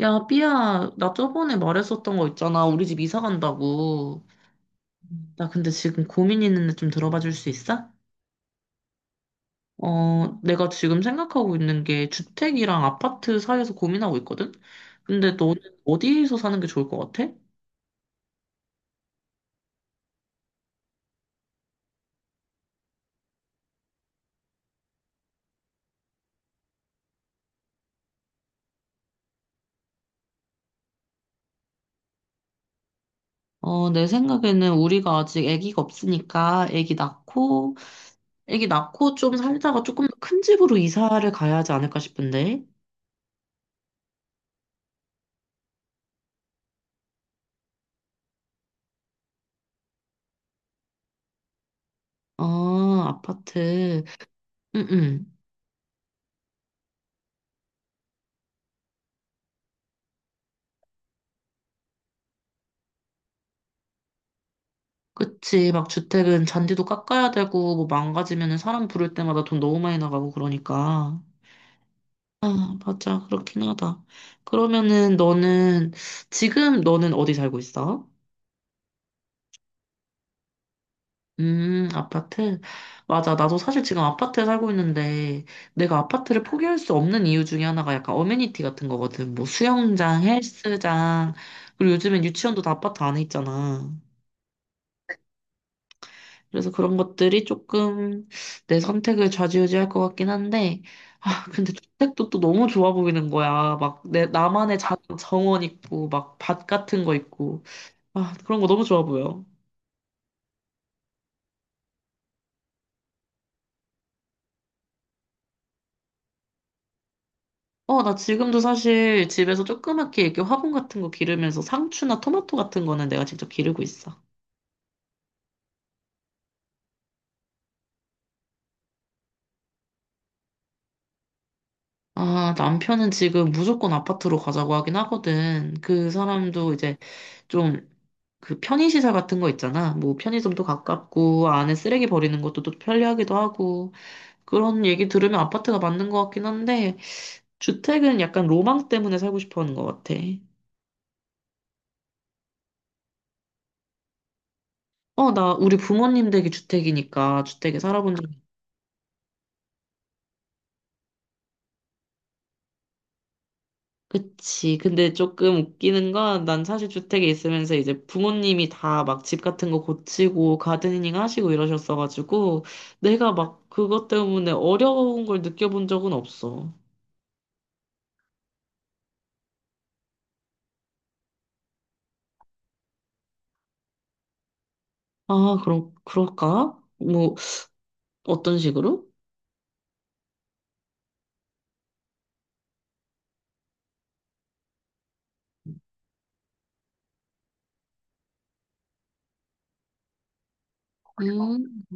야, 삐야, 나 저번에 말했었던 거 있잖아. 우리 집 이사 간다고. 나 근데 지금 고민 있는데 좀 들어봐 줄 수 있어? 내가 지금 생각하고 있는 게 주택이랑 아파트 사이에서 고민하고 있거든? 근데 너는 어디에서 사는 게 좋을 것 같아? 내 생각에는 우리가 아직 아기가 없으니까 아기 낳고 좀 살다가 조금 더 큰 집으로 이사를 가야 하지 않을까 싶은데. 어, 아파트. 응응. 그치. 막 주택은 잔디도 깎아야 되고, 뭐 망가지면은 사람 부를 때마다 돈 너무 많이 나가고 그러니까. 아, 맞아. 그렇긴 하다. 그러면은 너는, 지금 너는 어디 살고 있어? 아파트? 맞아. 나도 사실 지금 아파트에 살고 있는데, 내가 아파트를 포기할 수 없는 이유 중에 하나가 약간 어메니티 같은 거거든. 뭐 수영장, 헬스장, 그리고 요즘엔 유치원도 다 아파트 안에 있잖아. 그래서 그런 것들이 조금 내 선택을 좌지우지할 것 같긴 한데, 아, 근데 주택도 또 너무 좋아 보이는 거야. 막 나만의 작은 정원 있고, 막 밭 같은 거 있고. 아, 그런 거 너무 좋아 보여. 어, 나 지금도 사실 집에서 조그맣게 이렇게 화분 같은 거 기르면서 상추나 토마토 같은 거는 내가 직접 기르고 있어. 아, 남편은 지금 무조건 아파트로 가자고 하긴 하거든. 그 사람도 이제 좀 그 편의시설 같은 거 있잖아. 뭐 편의점도 가깝고 안에 쓰레기 버리는 것도 또 편리하기도 하고 그런 얘기 들으면 아파트가 맞는 것 같긴 한데 주택은 약간 로망 때문에 살고 싶어 하는 것 같아. 어, 나 우리 부모님 댁이 주택이니까 주택에 살아본 적 그치. 근데 조금 웃기는 건 난 사실 주택에 있으면서 이제 부모님이 다 막 집 같은 거 고치고 가드닝 하시고 이러셨어가지고 내가 막 그것 때문에 어려운 걸 느껴본 적은 없어. 아, 그럼, 그럴까? 뭐, 어떤 식으로? 음,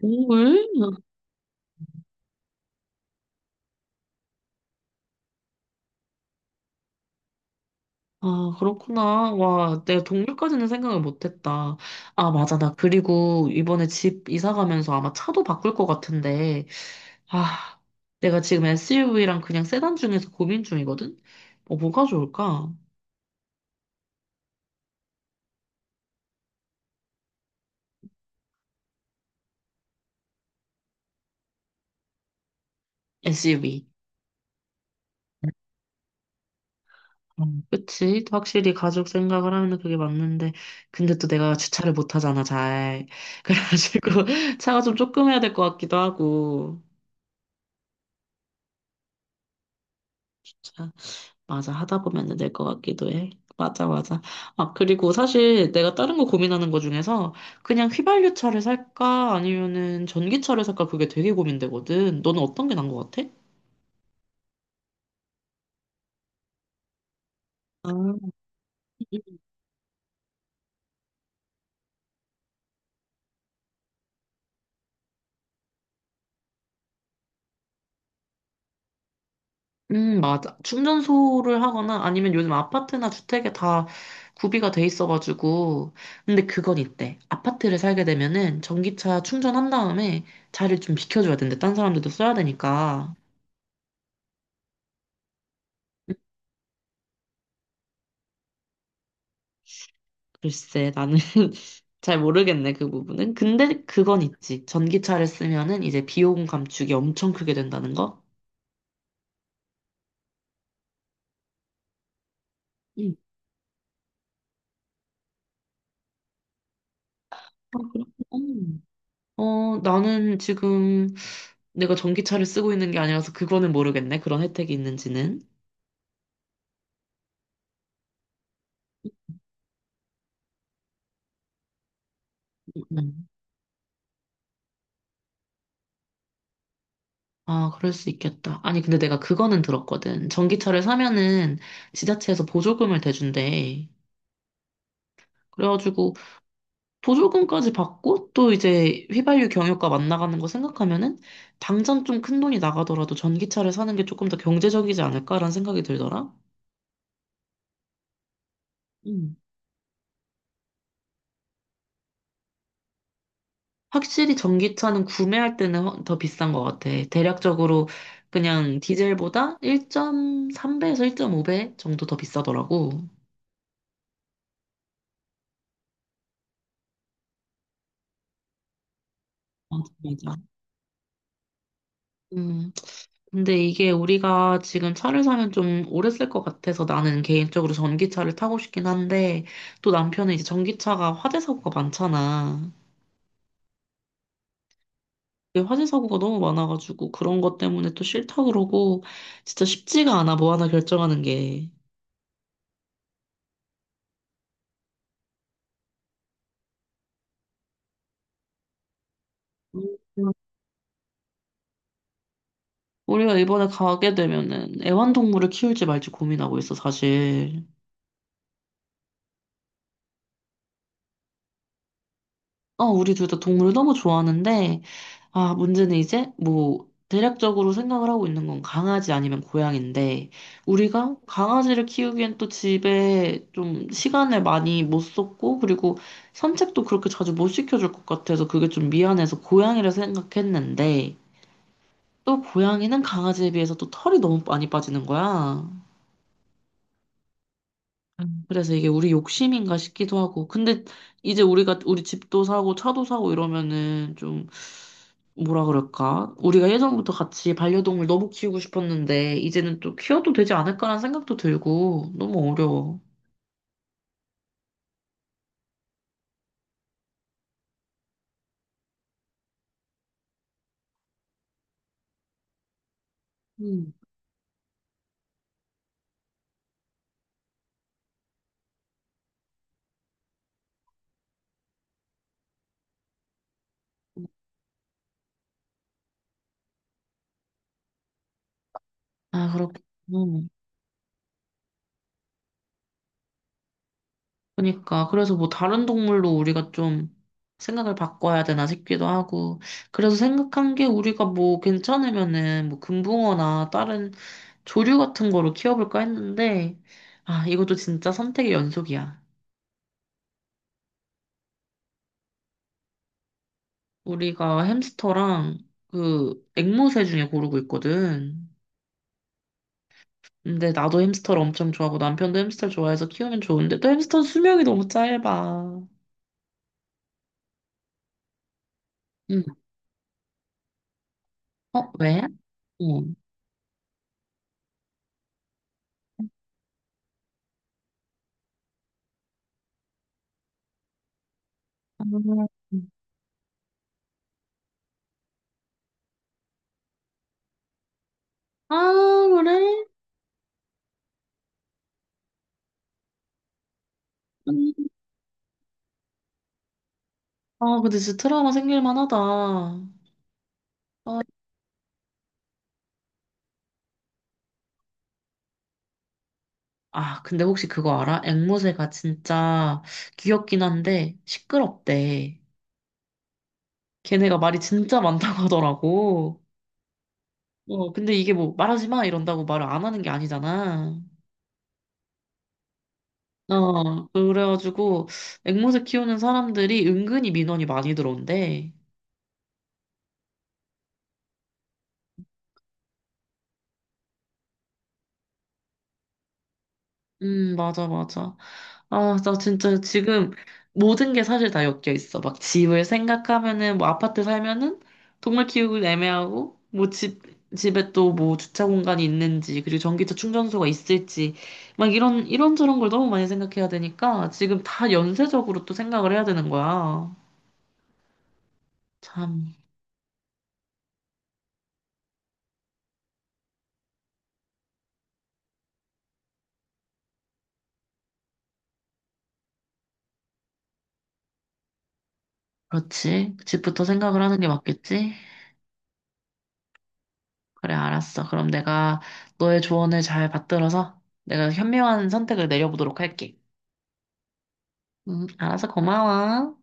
동물? 아, 그렇구나. 와, 내가 동물까지는 생각을 못했다. 아, 맞아. 나 그리고 이번에 집 이사 가면서 아마 차도 바꿀 것 같은데, 아, 내가 지금 SUV랑 그냥 세단 중에서 고민 중이거든? 어, 뭐가 좋을까? SUV. 어, 그치? 확실히 가족 생각을 하면 그게 맞는데, 근데 또 내가 주차를 못 하잖아, 잘. 그래가지고, 차가 좀 조금 해야 될 것 같기도 하고, 진짜, 맞아, 하다 보면 될 것 같기도 해. 맞아, 맞아. 아, 그리고 사실 내가 다른 거 고민하는 거 중에서, 그냥 휘발유 차를 살까, 아니면은 전기차를 살까, 그게 되게 고민되거든. 너는 어떤 게 나은 것 같아? 아. 맞아. 충전소를 하거나 아니면 요즘 아파트나 주택에 다 구비가 돼 있어가지고. 근데 그건 있대. 아파트를 살게 되면은 전기차 충전한 다음에 자리를 좀 비켜줘야 된대. 딴 사람들도 써야 되니까. 글쎄, 나는 잘 모르겠네, 그 부분은. 근데 그건 있지. 전기차를 쓰면은 이제 비용 감축이 엄청 크게 된다는 거? 응. 아, 그렇구나. 나는 지금 내가 전기차를 쓰고 있는 게 아니라서 그거는 모르겠네. 그런 혜택이 있는지는. 아, 그럴 수 있겠다. 아니, 근데 내가 그거는 들었거든. 전기차를 사면은 지자체에서 보조금을 대준대. 그래가지고 보조금까지 받고 또 이제 휘발유 경유가 만나가는 거 생각하면은 당장 좀 큰 돈이 나가더라도 전기차를 사는 게 조금 더 경제적이지 않을까라는 생각이 들더라. 음. 확실히 전기차는 구매할 때는 더 비싼 것 같아. 대략적으로 그냥 디젤보다 1.3배에서 1.5배 정도 더 비싸더라고. 맞아, 맞아. 근데 이게 우리가 지금 차를 사면 좀 오래 쓸 것 같아서 나는 개인적으로 전기차를 타고 싶긴 한데 또 남편은 이제 전기차가 화재 사고가 많잖아. 이게 화재 사고가 너무 많아가지고 그런 것 때문에 또 싫다 그러고 진짜 쉽지가 않아 뭐 하나 결정하는 게. 음. 우리가 이번에 가게 되면은 애완동물을 키울지 말지 고민하고 있어 사실. 어, 우리 둘 다 동물을 너무 좋아하는데, 문제는 이제, 뭐, 대략적으로 생각을 하고 있는 건 강아지 아니면 고양인데, 우리가 강아지를 키우기엔 또 집에 좀 시간을 많이 못 썼고, 그리고 산책도 그렇게 자주 못 시켜줄 것 같아서 그게 좀 미안해서 고양이를 생각했는데, 또 고양이는 강아지에 비해서 또 털이 너무 많이 빠지는 거야. 그래서 이게 우리 욕심인가 싶기도 하고. 근데 이제 우리가 우리 집도 사고 차도 사고 이러면은 좀 뭐라 그럴까? 우리가 예전부터 같이 반려동물 너무 키우고 싶었는데 이제는 또 키워도 되지 않을까라는 생각도 들고 너무 어려워. 음. 아, 그렇군. 그러니까 그래서 뭐 다른 동물로 우리가 좀 생각을 바꿔야 되나 싶기도 하고 그래서 생각한 게 우리가 뭐 괜찮으면은 뭐 금붕어나 다른 조류 같은 거로 키워볼까 했는데 아 이것도 진짜 선택의 연속이야. 우리가 햄스터랑 그 앵무새 중에 고르고 있거든. 근데 나도 햄스터를 엄청 좋아하고 남편도 햄스터를 좋아해서 키우면 좋은데 또 햄스터는 수명이 너무 짧아. 응. 어, 왜? 응. 아, 그래? 음. 아, 근데 진짜 트라우마 생길 만하다. 아, 아, 근데 혹시 그거 알아? 앵무새가 진짜 귀엽긴 한데 시끄럽대. 걔네가 말이 진짜 많다고 하더라고. 어, 근데 이게 뭐 말하지 마 이런다고 말을 안 하는 게 아니잖아. 어, 그래가지고 앵무새 키우는 사람들이 은근히 민원이 많이 들어온대. 맞아, 맞아. 나 진짜 지금 모든 게 사실 다 엮여 있어. 막 집을 생각하면은, 뭐 아파트 살면은 동물 키우기 애매하고, 집에 또 뭐 주차 공간이 있는지, 그리고 전기차 충전소가 있을지, 막 이런저런 걸 너무 많이 생각해야 되니까 지금 다 연쇄적으로 또 생각을 해야 되는 거야. 참, 그렇지. 집부터 생각을 하는 게 맞겠지? 그래, 알았어. 그럼 내가 너의 조언을 잘 받들어서 내가 현명한 선택을 내려보도록 할게. 알아서 고마워.